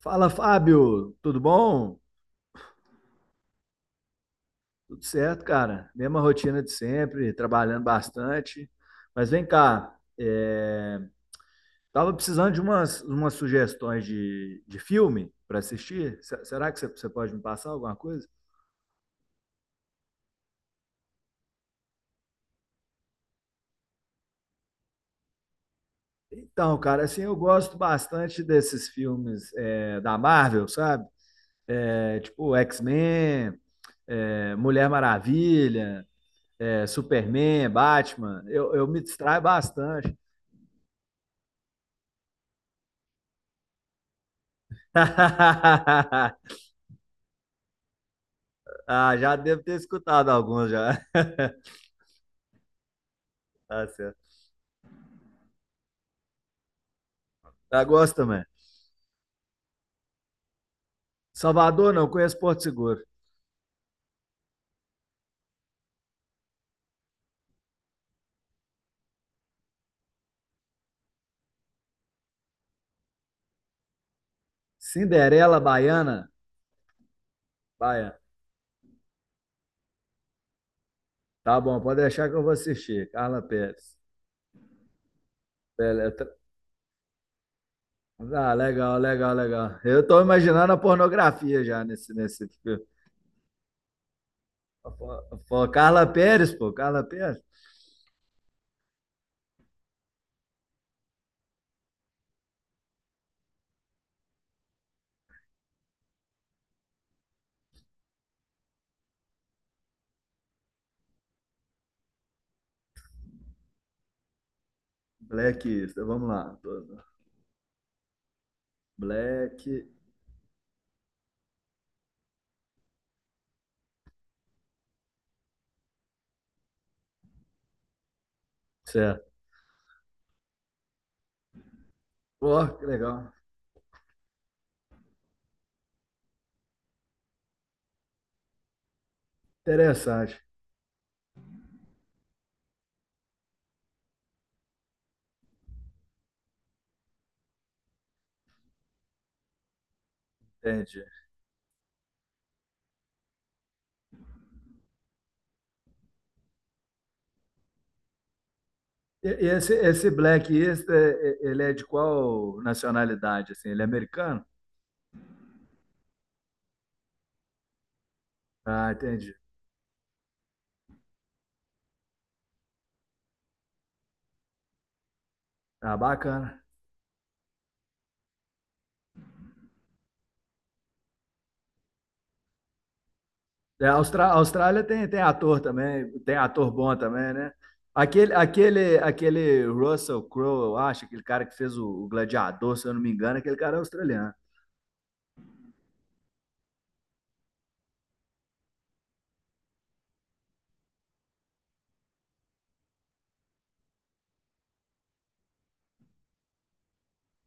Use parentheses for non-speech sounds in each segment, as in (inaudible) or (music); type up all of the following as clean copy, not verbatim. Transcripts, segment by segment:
Fala, Fábio, tudo bom? Tudo certo, cara? Mesma rotina de sempre, trabalhando bastante. Mas vem cá, tava precisando de umas sugestões de filme para assistir. Será que você pode me passar alguma coisa? Então, cara, assim, eu gosto bastante desses filmes da Marvel, sabe? É, tipo X-Men, é, Mulher Maravilha, é, Superman, Batman. Eu me distraio bastante. (laughs) Ah, já devo ter escutado alguns já. (laughs) Tá certo. Já gosto também. Salvador, não, conheço Porto Seguro. Cinderela Baiana? Baiana. Tá bom, pode deixar que eu vou assistir. Carla Pérez. Bele- Ah, legal, legal, legal. Eu tô imaginando a pornografia já nesse filme. Pô, pô, Carla Pérez, pô, Carla Pérez. Blacklist, vamos lá. Black. Certo. Pô, que legal. Interessante. Entendi. Esse Black East, ele é de qual nacionalidade, assim? Ele é americano? Ah, entendi. Ah, bacana. É, a Austrália tem, tem ator também, tem ator bom também, né? Aquele Russell Crowe, eu acho, aquele cara que fez o Gladiador, se eu não me engano, aquele cara é australiano.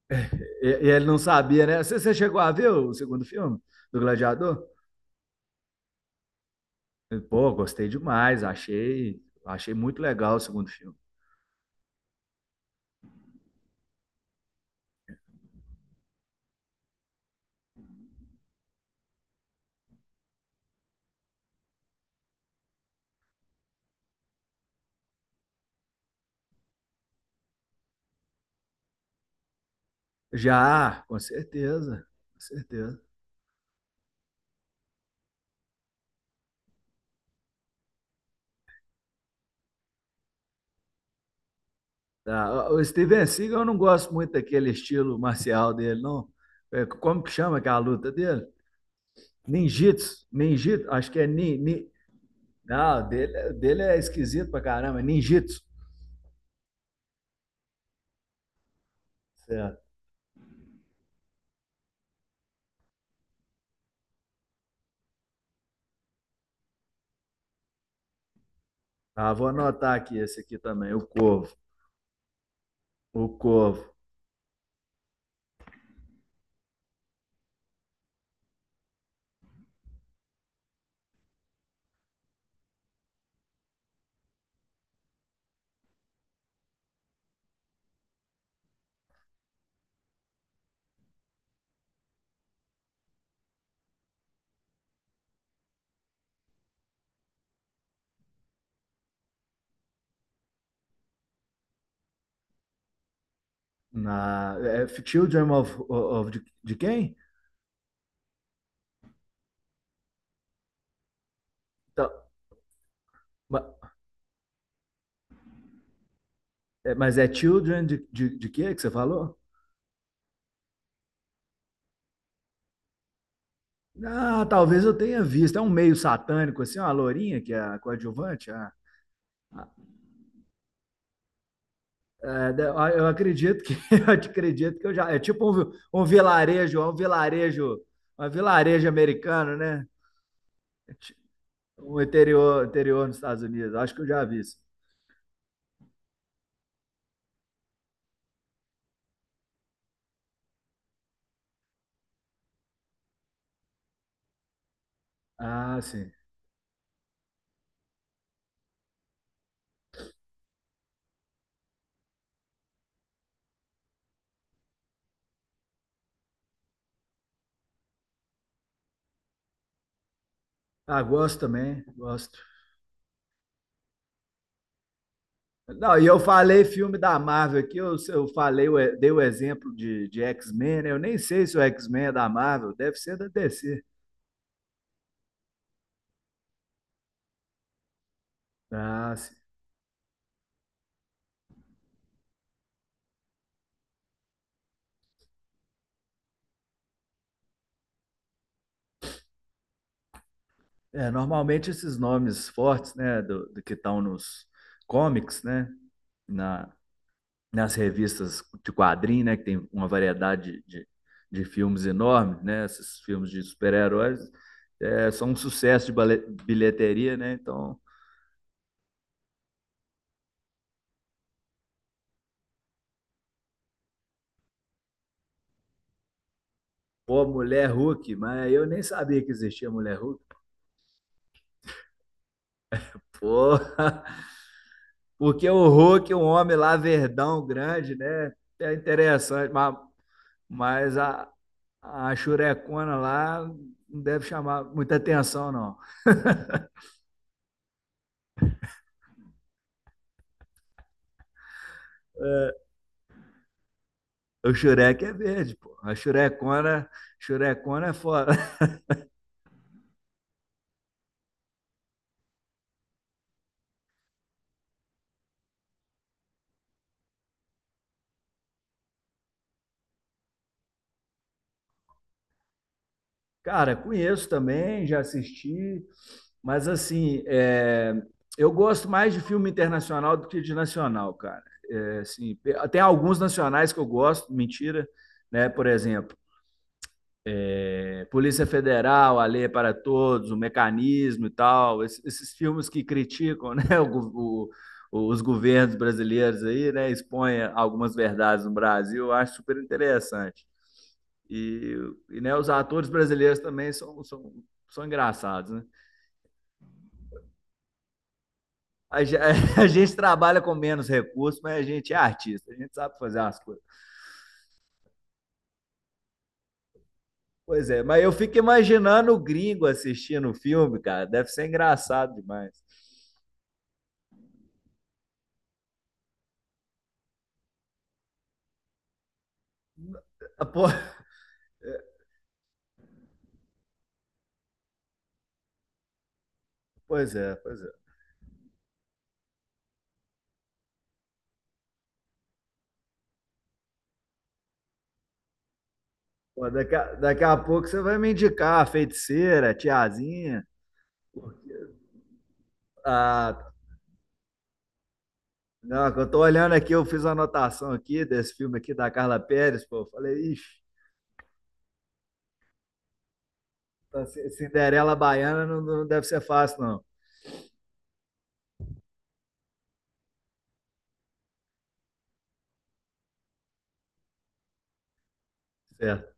(laughs) E ele não sabia, né? Você chegou a ver o segundo filme do Gladiador? Pô, gostei demais, achei muito legal o segundo filme. Já, com certeza, com certeza. Tá. O Steven Seagal, eu não gosto muito daquele estilo marcial dele, não. É, como que chama aquela luta dele? Ninjitsu. Ninjitsu, acho que é ni, ni- Não, dele é esquisito pra caramba, é ninjitsu. Certo. Ah, vou anotar aqui esse aqui também, o Corvo. O Corvo. Na, é Children of, de quem? Então, é, mas é Children de quê que você falou? Ah, talvez eu tenha visto. É um meio satânico, assim, uma lourinha que é a coadjuvante, a, é, eu acredito que (laughs) eu acredito que eu já. É tipo um, um vilarejo, é um vilarejo americano, né? Um interior, interior nos Estados Unidos. Acho que eu já vi isso. Ah, sim. Ah, gosto também, gosto. Não, e eu falei filme da Marvel aqui, eu falei, eu dei o exemplo de X-Men, né? Eu nem sei se o X-Men é da Marvel, deve ser da DC. Ah, sim. É, normalmente esses nomes fortes, né, do que estão nos comics, né, na, nas revistas de quadrinho, né, que tem uma variedade de filmes enorme, né, esses filmes de super-heróis, é, são um sucesso de bilheteria, né, então, pô, Mulher Hulk, mas eu nem sabia que existia Mulher Hulk, pô, (laughs) porque o Hulk, é um homem lá verdão, grande, né, é interessante, mas a Xurecona lá não deve chamar muita atenção, não. É, o Xurek é verde, pô, a Xurecona, Xurecona é fora. Cara, conheço também, já assisti, mas assim, é, eu gosto mais de filme internacional do que de nacional, cara. É, assim, tem alguns nacionais que eu gosto, mentira, né? Por exemplo, é, Polícia Federal, A Lei é para Todos, O Mecanismo e tal, esses, esses filmes que criticam, né, (laughs) os governos brasileiros aí, né, expõem algumas verdades no Brasil, eu acho super interessante. E, e né, os atores brasileiros também são, são, são engraçados, né? A, (laughs) gente trabalha com menos recursos, mas a gente é artista, a gente sabe fazer as coisas. Pois é, mas eu fico imaginando o gringo assistindo o filme, cara. Deve ser engraçado demais. Ah, (laughs) pois é, pois é. Pô, daqui a pouco você vai me indicar a feiticeira, a tiazinha. Ah, não, eu tô olhando aqui, eu fiz uma anotação aqui desse filme aqui da Carla Pérez, pô. Eu falei, ixi, tá, Cinderela Baiana não, não deve ser fácil, não. Certo.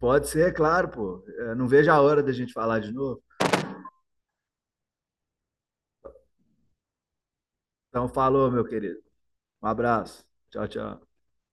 Pode ser, claro, pô. Eu não vejo a hora da gente falar de novo. Então, falou, meu querido. Um abraço. Tchau, tchau.